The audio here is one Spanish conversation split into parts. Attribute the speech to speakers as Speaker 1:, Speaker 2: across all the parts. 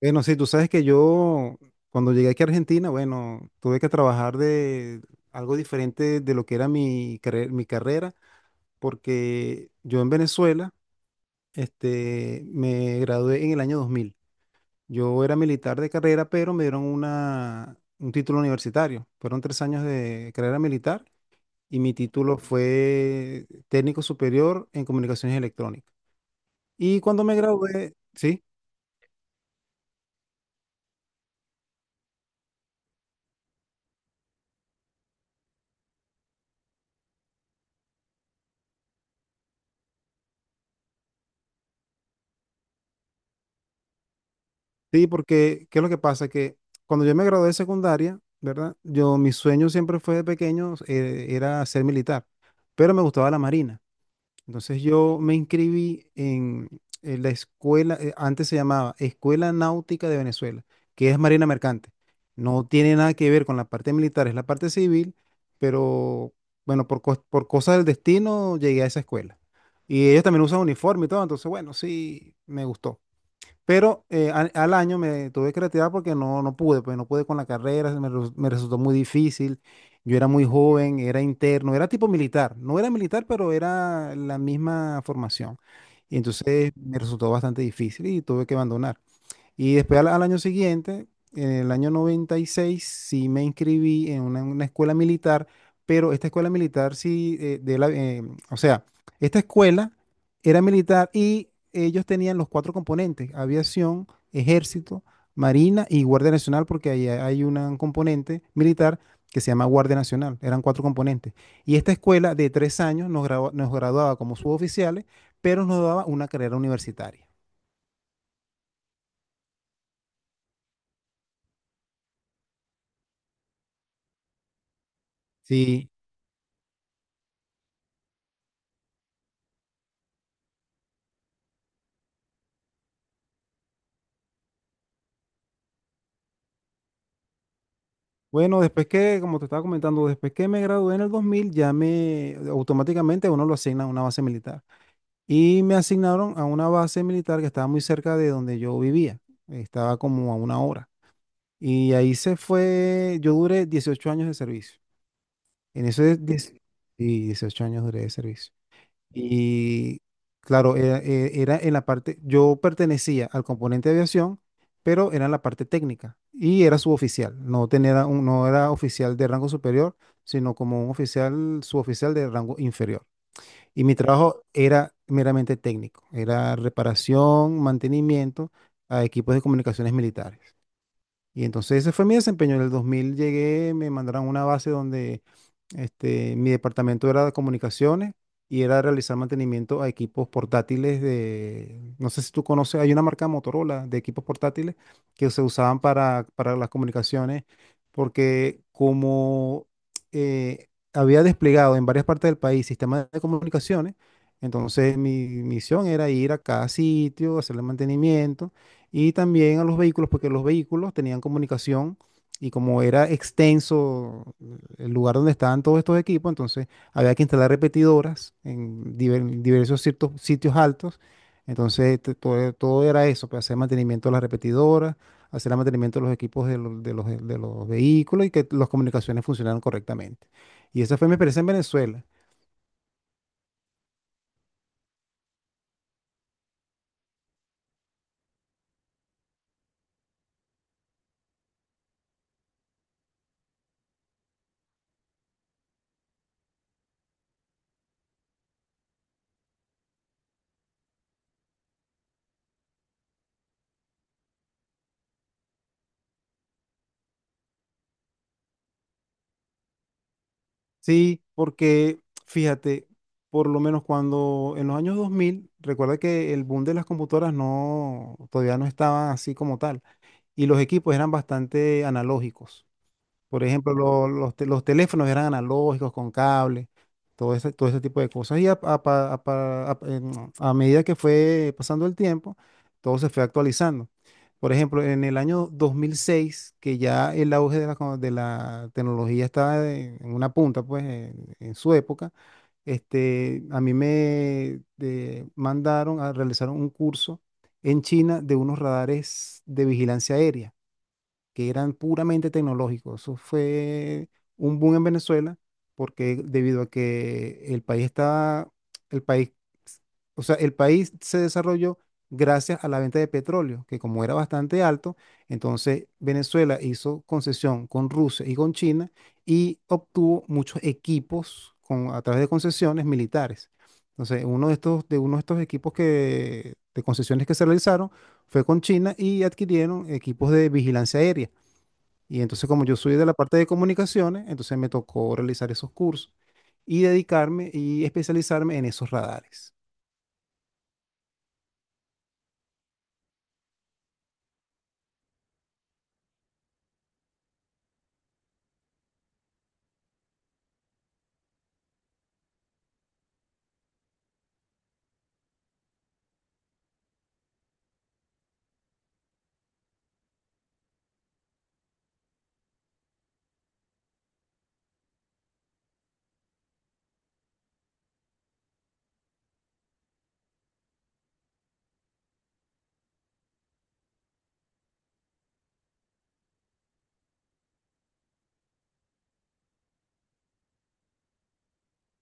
Speaker 1: Bueno, sí, tú sabes que yo cuando llegué aquí a Argentina, bueno, tuve que trabajar de algo diferente de lo que era mi carrera, porque yo en Venezuela, me gradué en el año 2000. Yo era militar de carrera, pero me dieron un título universitario. Fueron 3 años de carrera militar y mi título fue técnico superior en comunicaciones electrónicas. Y cuando me gradué, sí. Sí, porque ¿qué es lo que pasa? Que cuando yo me gradué de secundaria, ¿verdad? Yo, mi sueño siempre fue de pequeño, era ser militar, pero me gustaba la marina. Entonces yo me inscribí en la escuela, antes se llamaba Escuela Náutica de Venezuela, que es Marina Mercante. No tiene nada que ver con la parte militar, es la parte civil, pero bueno, por cosas del destino llegué a esa escuela. Y ellos también usan uniforme y todo, entonces bueno, sí, me gustó. Pero al año me tuve que retirar porque no pude, pues no pude con la carrera, me resultó muy difícil. Yo era muy joven, era interno, era tipo militar. No era militar, pero era la misma formación. Y entonces me resultó bastante difícil y tuve que abandonar. Y después al año siguiente, en el año 96 sí me inscribí en una escuela militar, pero esta escuela militar sí, o sea, esta escuela era militar y ellos tenían los 4 componentes: aviación, ejército, marina y guardia nacional, porque ahí hay un componente militar que se llama Guardia Nacional, eran 4 componentes. Y esta escuela de 3 años nos graduaba como suboficiales, pero nos daba una carrera universitaria. Sí. Bueno, después que, como te estaba comentando, después que me gradué en el 2000, ya me automáticamente uno lo asigna a una base militar. Y me asignaron a una base militar que estaba muy cerca de donde yo vivía. Estaba como a una hora. Y ahí se fue, yo duré 18 años de servicio. En esos 10 y 18 años duré de servicio. Y claro, era en la parte, yo pertenecía al componente de aviación, pero era en la parte técnica y era suboficial. No era oficial de rango superior, sino como un oficial, suboficial de rango inferior. Y mi trabajo era meramente técnico, era reparación, mantenimiento a equipos de comunicaciones militares. Y entonces ese fue mi desempeño. En el 2000 llegué, me mandaron a una base donde mi departamento era de comunicaciones y era realizar mantenimiento a equipos portátiles de, no sé si tú conoces, hay una marca Motorola de equipos portátiles que se usaban para las comunicaciones porque como eh, había desplegado en varias partes del país sistemas de comunicaciones, entonces mi misión era ir a cada sitio, hacerle mantenimiento y también a los vehículos, porque los vehículos tenían comunicación y como era extenso el lugar donde estaban todos estos equipos, entonces había que instalar repetidoras en diversos ciertos sitios altos. Entonces todo era eso, pues, hacer mantenimiento de las repetidoras, hacer el mantenimiento de los equipos de los vehículos y que las comunicaciones funcionaran correctamente. Y esa fue mi experiencia en Venezuela. Sí, porque fíjate, por lo menos cuando en los años 2000, recuerda que el boom de las computadoras no, todavía no estaba así como tal y los equipos eran bastante analógicos. Por ejemplo, los teléfonos eran analógicos con cable, todo ese tipo de cosas. Y a pa- a pa- a- en- a medida que fue pasando el tiempo, todo se fue actualizando. Por ejemplo, en el año 2006, que ya el auge de la, tecnología estaba en una punta, pues, en su época, a mí me mandaron a realizar un curso en China de unos radares de vigilancia aérea que eran puramente tecnológicos. Eso fue un boom en Venezuela porque debido a que el país estaba, el país, o sea, el país se desarrolló gracias a la venta de petróleo, que como era bastante alto, entonces Venezuela hizo concesión con Rusia y con China y obtuvo muchos equipos a través de concesiones militares. Entonces, de uno de estos equipos de concesiones que se realizaron fue con China y adquirieron equipos de vigilancia aérea. Y entonces como yo soy de la parte de comunicaciones, entonces me tocó realizar esos cursos y dedicarme y especializarme en esos radares.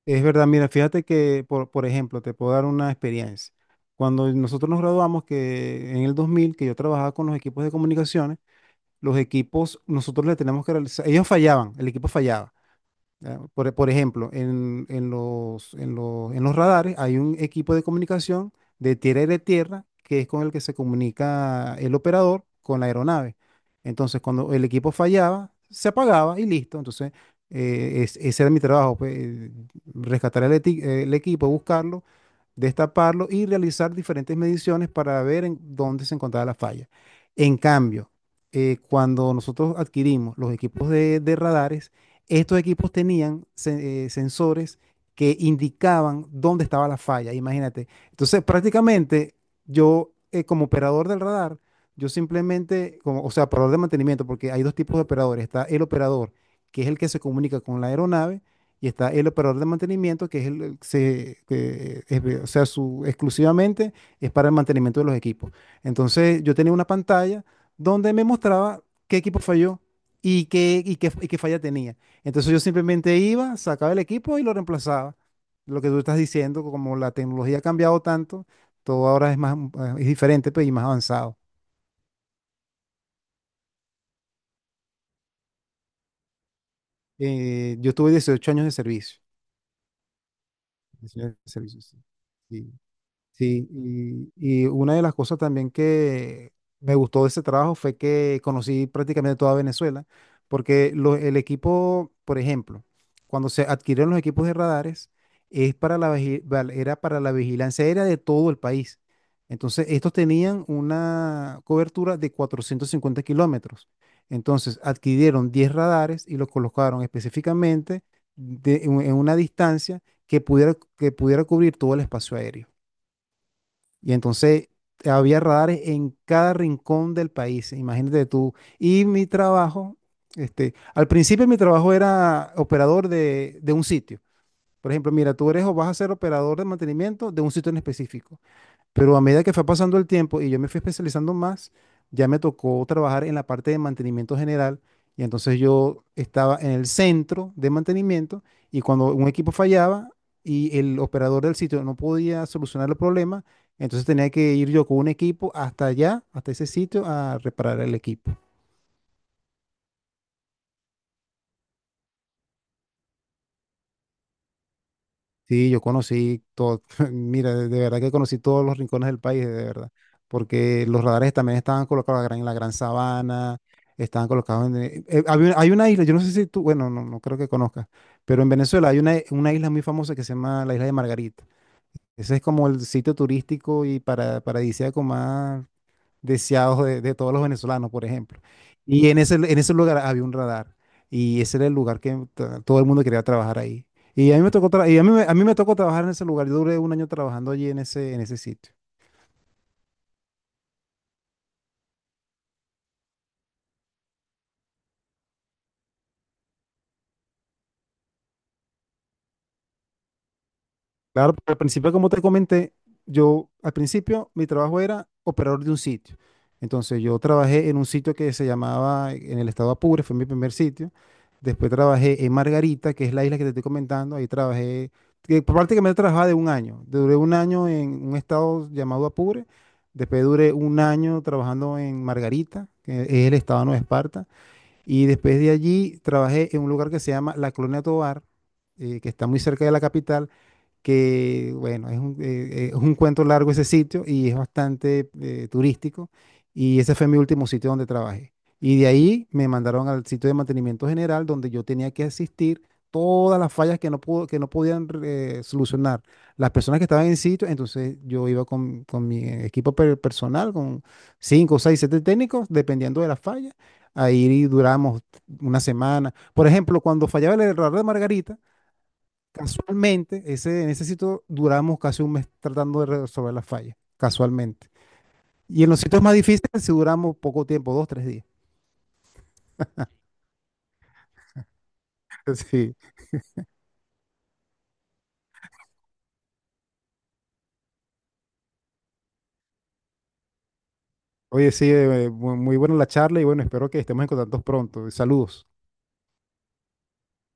Speaker 1: Es verdad, mira, fíjate que, por ejemplo, te puedo dar una experiencia. Cuando nosotros nos graduamos, que en el 2000, que yo trabajaba con los equipos de comunicaciones, los equipos, nosotros les tenemos que realizar, ellos fallaban, el equipo fallaba. ¿Ya? Por ejemplo, en los radares hay un equipo de comunicación de tierra y de tierra que es con el que se comunica el operador con la aeronave. Entonces, cuando el equipo fallaba, se apagaba y listo. Entonces, ese era mi trabajo, pues, rescatar el equipo, buscarlo, destaparlo y realizar diferentes mediciones para ver en dónde se encontraba la falla. En cambio, cuando nosotros adquirimos los equipos de radares, estos equipos tenían sensores que indicaban dónde estaba la falla, imagínate. Entonces, prácticamente yo, como operador del radar, yo simplemente, como, o sea, operador de mantenimiento, porque hay dos tipos de operadores. Está el operador, que es el que se comunica con la aeronave, y está el operador de mantenimiento, que es el que se, o sea, exclusivamente es para el mantenimiento de los equipos. Entonces, yo tenía una pantalla donde me mostraba qué equipo falló y qué falla tenía. Entonces yo simplemente iba, sacaba el equipo y lo reemplazaba. Lo que tú estás diciendo, como la tecnología ha cambiado tanto, todo ahora es más, es diferente, pues, y más avanzado. Yo tuve 18 años de servicio. 18 años de servicio, sí. Sí. Sí, y una de las cosas también que me gustó de ese trabajo fue que conocí prácticamente toda Venezuela, porque el equipo, por ejemplo, cuando se adquirieron los equipos de radares, es para la, vigi- val- era para la vigilancia aérea de todo el país. Entonces, estos tenían una cobertura de 450 kilómetros. Entonces, adquirieron 10 radares y los colocaron específicamente en una distancia que pudiera cubrir todo el espacio aéreo. Y entonces había radares en cada rincón del país, imagínate tú. Y mi trabajo, al principio mi trabajo era operador de un sitio. Por ejemplo, mira, tú eres o vas a ser operador de mantenimiento de un sitio en específico. Pero a medida que fue pasando el tiempo y yo me fui especializando más, ya me tocó trabajar en la parte de mantenimiento general. Y entonces yo estaba en el centro de mantenimiento y cuando un equipo fallaba y el operador del sitio no podía solucionar el problema, entonces tenía que ir yo con un equipo hasta allá, hasta ese sitio, a reparar el equipo. Sí, yo conocí todo, mira, de verdad que conocí todos los rincones del país, de verdad, porque los radares también estaban colocados en la Gran Sabana, estaban colocados hay una isla, yo no sé si tú, bueno, no creo que conozcas, pero en Venezuela hay una isla muy famosa que se llama la isla de Margarita. Ese es como el sitio turístico y paradisíaco más deseados de todos los venezolanos, por ejemplo. Y en ese lugar había un radar y ese era el lugar que todo el mundo quería trabajar ahí. A mí me tocó trabajar en ese lugar. Yo duré un año trabajando allí en ese sitio. Claro, pero al principio, como te comenté, yo al principio mi trabajo era operador de un sitio. Entonces yo trabajé en un sitio que se llamaba en el estado Apure, fue mi primer sitio. Después trabajé en Margarita, que es la isla que te estoy comentando. Ahí trabajé, que prácticamente trabajaba de un año. Duré un año en un estado llamado Apure. Después duré un año trabajando en Margarita, que es el estado de Nueva Esparta. Y después de allí trabajé en un lugar que se llama La Colonia Tovar, que está muy cerca de la capital, que bueno, es un cuento largo ese sitio y es bastante turístico, y ese fue mi último sitio donde trabajé. Y de ahí me mandaron al sitio de mantenimiento general donde yo tenía que asistir todas las fallas que no pudo, que no podían solucionar las personas que estaban en sitio, entonces yo iba con mi equipo personal, con cinco, seis, siete técnicos, dependiendo de la falla. Ahí duramos una semana. Por ejemplo, cuando fallaba el error de Margarita, casualmente, en ese sitio duramos casi un mes tratando de resolver las fallas, casualmente. Y en los sitios más difíciles sí duramos poco tiempo, dos, tres días. Sí. Oye, sí, muy muy buena la charla y bueno, espero que estemos en contacto pronto. Saludos.